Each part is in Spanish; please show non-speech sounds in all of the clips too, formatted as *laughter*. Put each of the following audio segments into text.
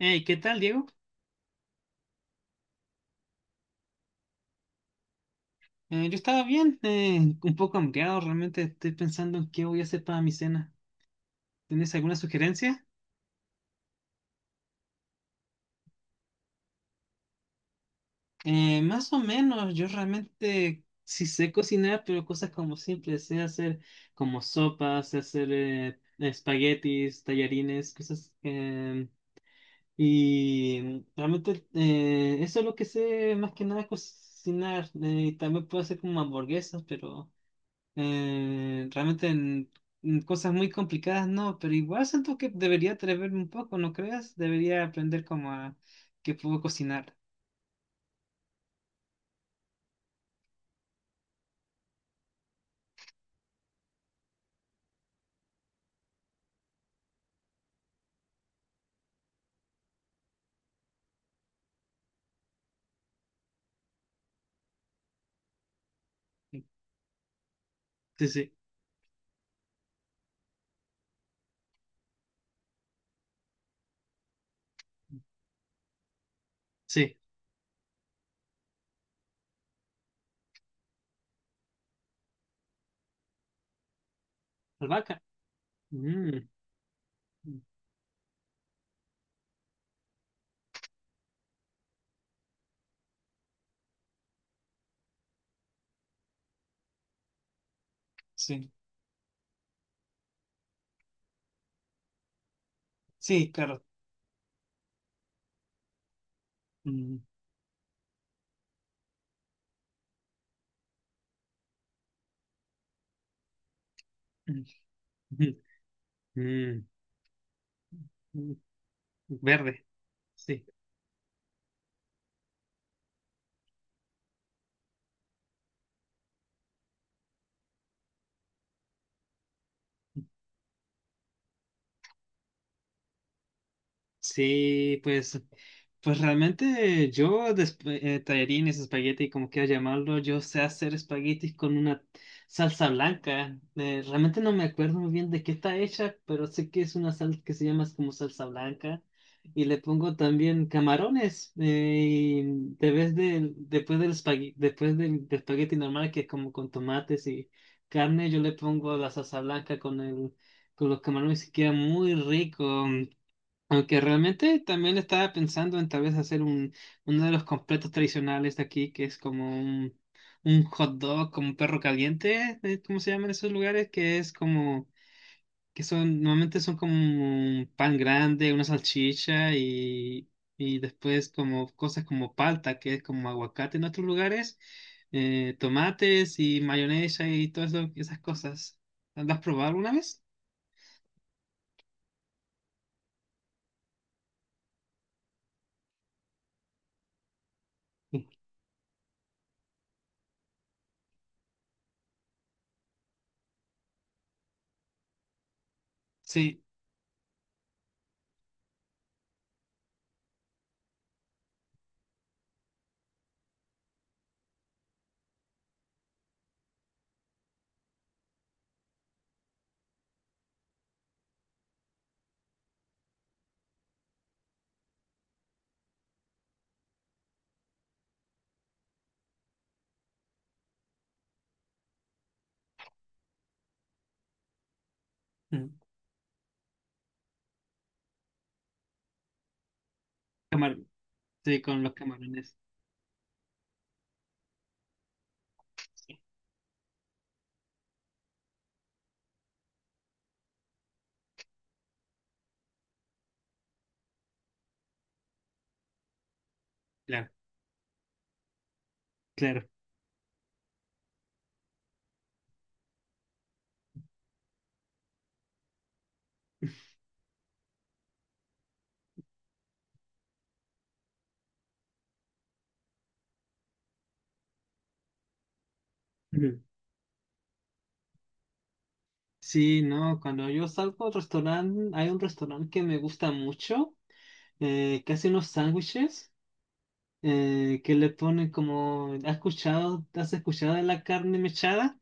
Hey, ¿qué tal, Diego? Yo estaba bien, un poco hambriado, realmente estoy pensando en qué voy a hacer para mi cena. ¿Tienes alguna sugerencia? Más o menos, yo realmente sí sé cocinar, pero cosas como simples, sé hacer como sopas, sé hacer espaguetis, tallarines, cosas. Y realmente eso es lo que sé más que nada cocinar. También puedo hacer como hamburguesas, pero realmente en cosas muy complicadas no, pero igual siento que debería atreverme un poco, ¿no creas? Debería aprender como a que puedo cocinar. Sí, sí, sí. Albahaca. Mm. Sí, sí, claro. Mm. *laughs* Mm, mm, mm. Verde. Sí. Sí, pues realmente yo de tallarines, espagueti, como quieras llamarlo, yo sé hacer espaguetis con una salsa blanca. Realmente no me acuerdo muy bien de qué está hecha, pero sé que es una salsa que se llama como salsa blanca. Y le pongo también camarones. Y después del espagueti, después del espagueti normal, que es como con tomates y carne, yo le pongo la salsa blanca con los camarones y queda muy rico. Aunque realmente también estaba pensando en tal vez hacer uno de los completos tradicionales de aquí, que es como un hot dog, como un perro caliente, ¿cómo se llaman esos lugares? Que son, normalmente son como un pan grande, una salchicha y después como cosas como palta, que es como aguacate en otros lugares, tomates y mayonesa y todas esas cosas. ¿Las has probado alguna vez? Sí. Sí. Mm. Camar- sí, con los camarones. Claro. Claro. Ujú. Sí, no, cuando yo salgo al restaurante, hay un restaurante que me gusta mucho, que hace unos sándwiches, que le ponen como, ¿has escuchado de la carne mechada?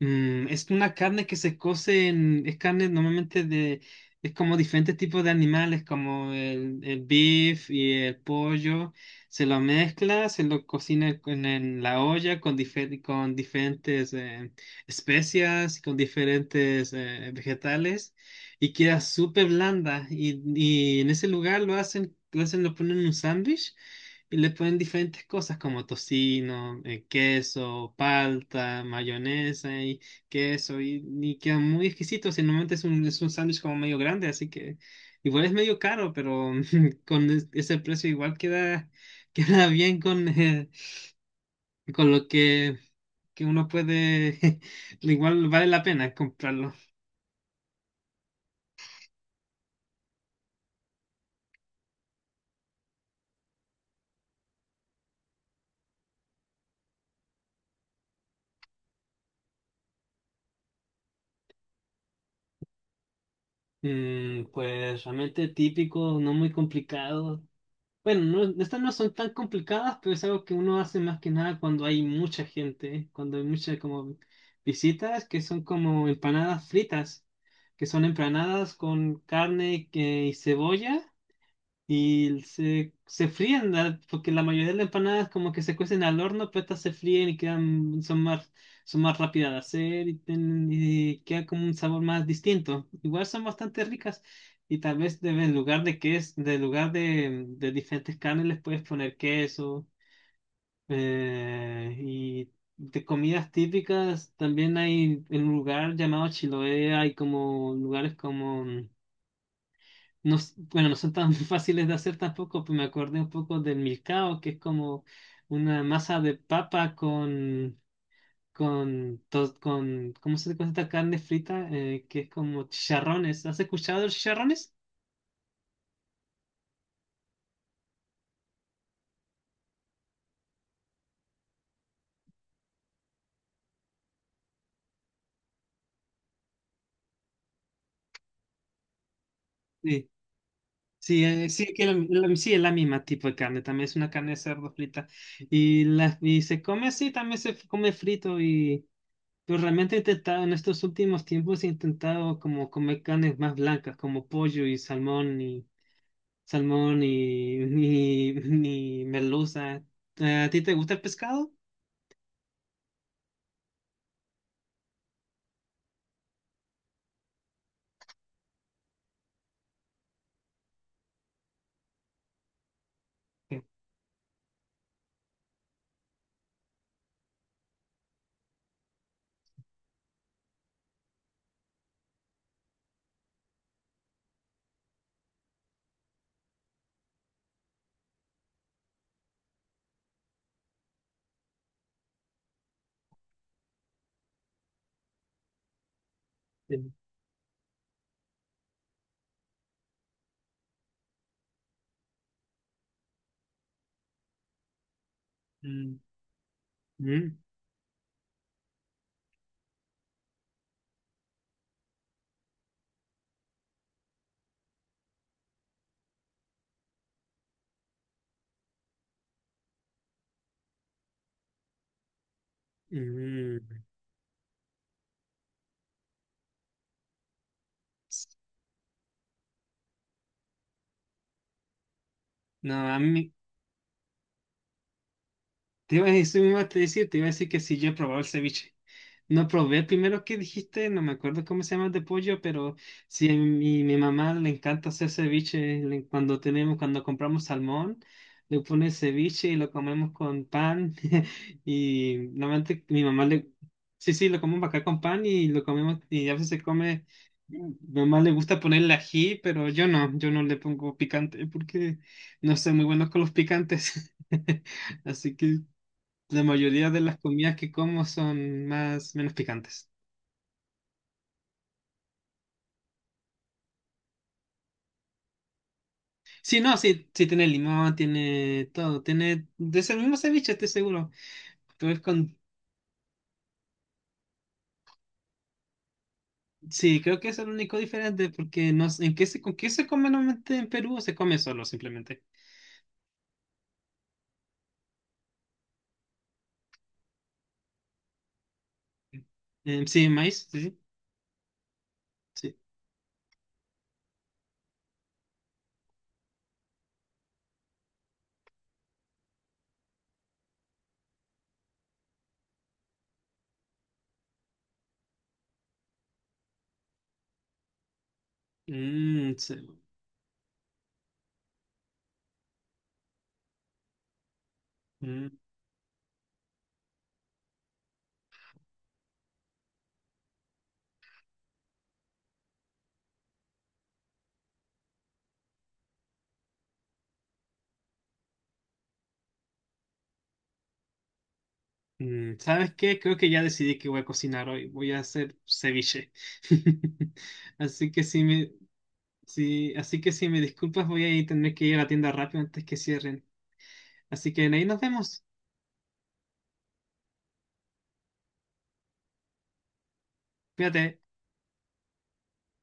Mm, es una carne que se cose es carne normalmente es como diferentes tipos de animales, como el beef y el pollo, se lo mezcla, se lo cocina en la olla con, con diferentes especias, con diferentes vegetales y queda súper blanda y en ese lugar lo hacen, lo ponen en un sándwich y le ponen diferentes cosas como tocino, queso, palta, mayonesa y queso. Y queda muy exquisito. Si normalmente es un sándwich como medio grande, así que igual es medio caro, pero *laughs* con ese precio igual queda, *laughs* queda bien con lo que uno puede. *laughs* Igual vale la pena comprarlo. Mm, pues realmente típico, no muy complicado. Bueno, no, estas no son tan complicadas, pero es algo que uno hace más que nada cuando hay mucha gente, ¿eh? Cuando hay muchas como visitas, que son como empanadas fritas, que son empanadas con carne y cebolla. Y se fríen, porque la mayoría de las empanadas como que se cuecen al horno, pero estas se fríen y quedan, son más rápidas de hacer y, y queda como un sabor más distinto. Igual son bastante ricas y tal vez en lugar de queso, de, diferentes carnes les puedes poner queso. Y de comidas típicas también hay en un lugar llamado Chiloé, hay como lugares como no, bueno, no son tan *laughs* fáciles de hacer tampoco, pues me acordé un poco del milcao, que es como una masa de papa con ¿cómo se dice esta carne frita? Que es como chicharrones. ¿Has escuchado de los chicharrones? Sí, sí, sí, sí, es la misma tipo de carne, también es una carne de cerdo frita. Y se come así, también se come frito y. Pero realmente he intentado, en estos últimos tiempos he intentado como comer carnes más blancas, como pollo y salmón, ni, *laughs* ni merluza. ¿A ti te gusta el pescado? Sí. Mm, mm, mm. No, te iba a decir que si yo he probado el ceviche. No probé el primero que dijiste, no me acuerdo cómo se llama el de pollo, pero sí, a mi mamá le encanta hacer ceviche. Cuando tenemos, cuando compramos salmón, le pone ceviche y lo comemos con pan. *laughs* Y normalmente mi mamá le, sí, sí, lo comemos acá con pan y lo comemos, y a veces se come, mi mamá le gusta ponerle ají, pero yo no, le pongo picante porque no soy muy bueno con los picantes. *laughs* Así que la mayoría de las comidas que como son más, menos picantes. Sí, no, sí, sí tiene limón, tiene todo, tiene de ese mismo ceviche, estoy seguro. Pero es con, sí, creo que es el único diferente porque no sé, ¿en qué con qué se come normalmente en Perú o se come solo simplemente? Sí, maíz, sí, sí. Sí. Mm, sí. Mm, mm. ¿Sabes qué? Creo que ya decidí que voy a cocinar hoy. Voy a hacer ceviche. *laughs* Así que sí, así que si me disculpas, voy a tener que ir a la tienda rápido antes que cierren. Así que ahí nos vemos. Cuídate.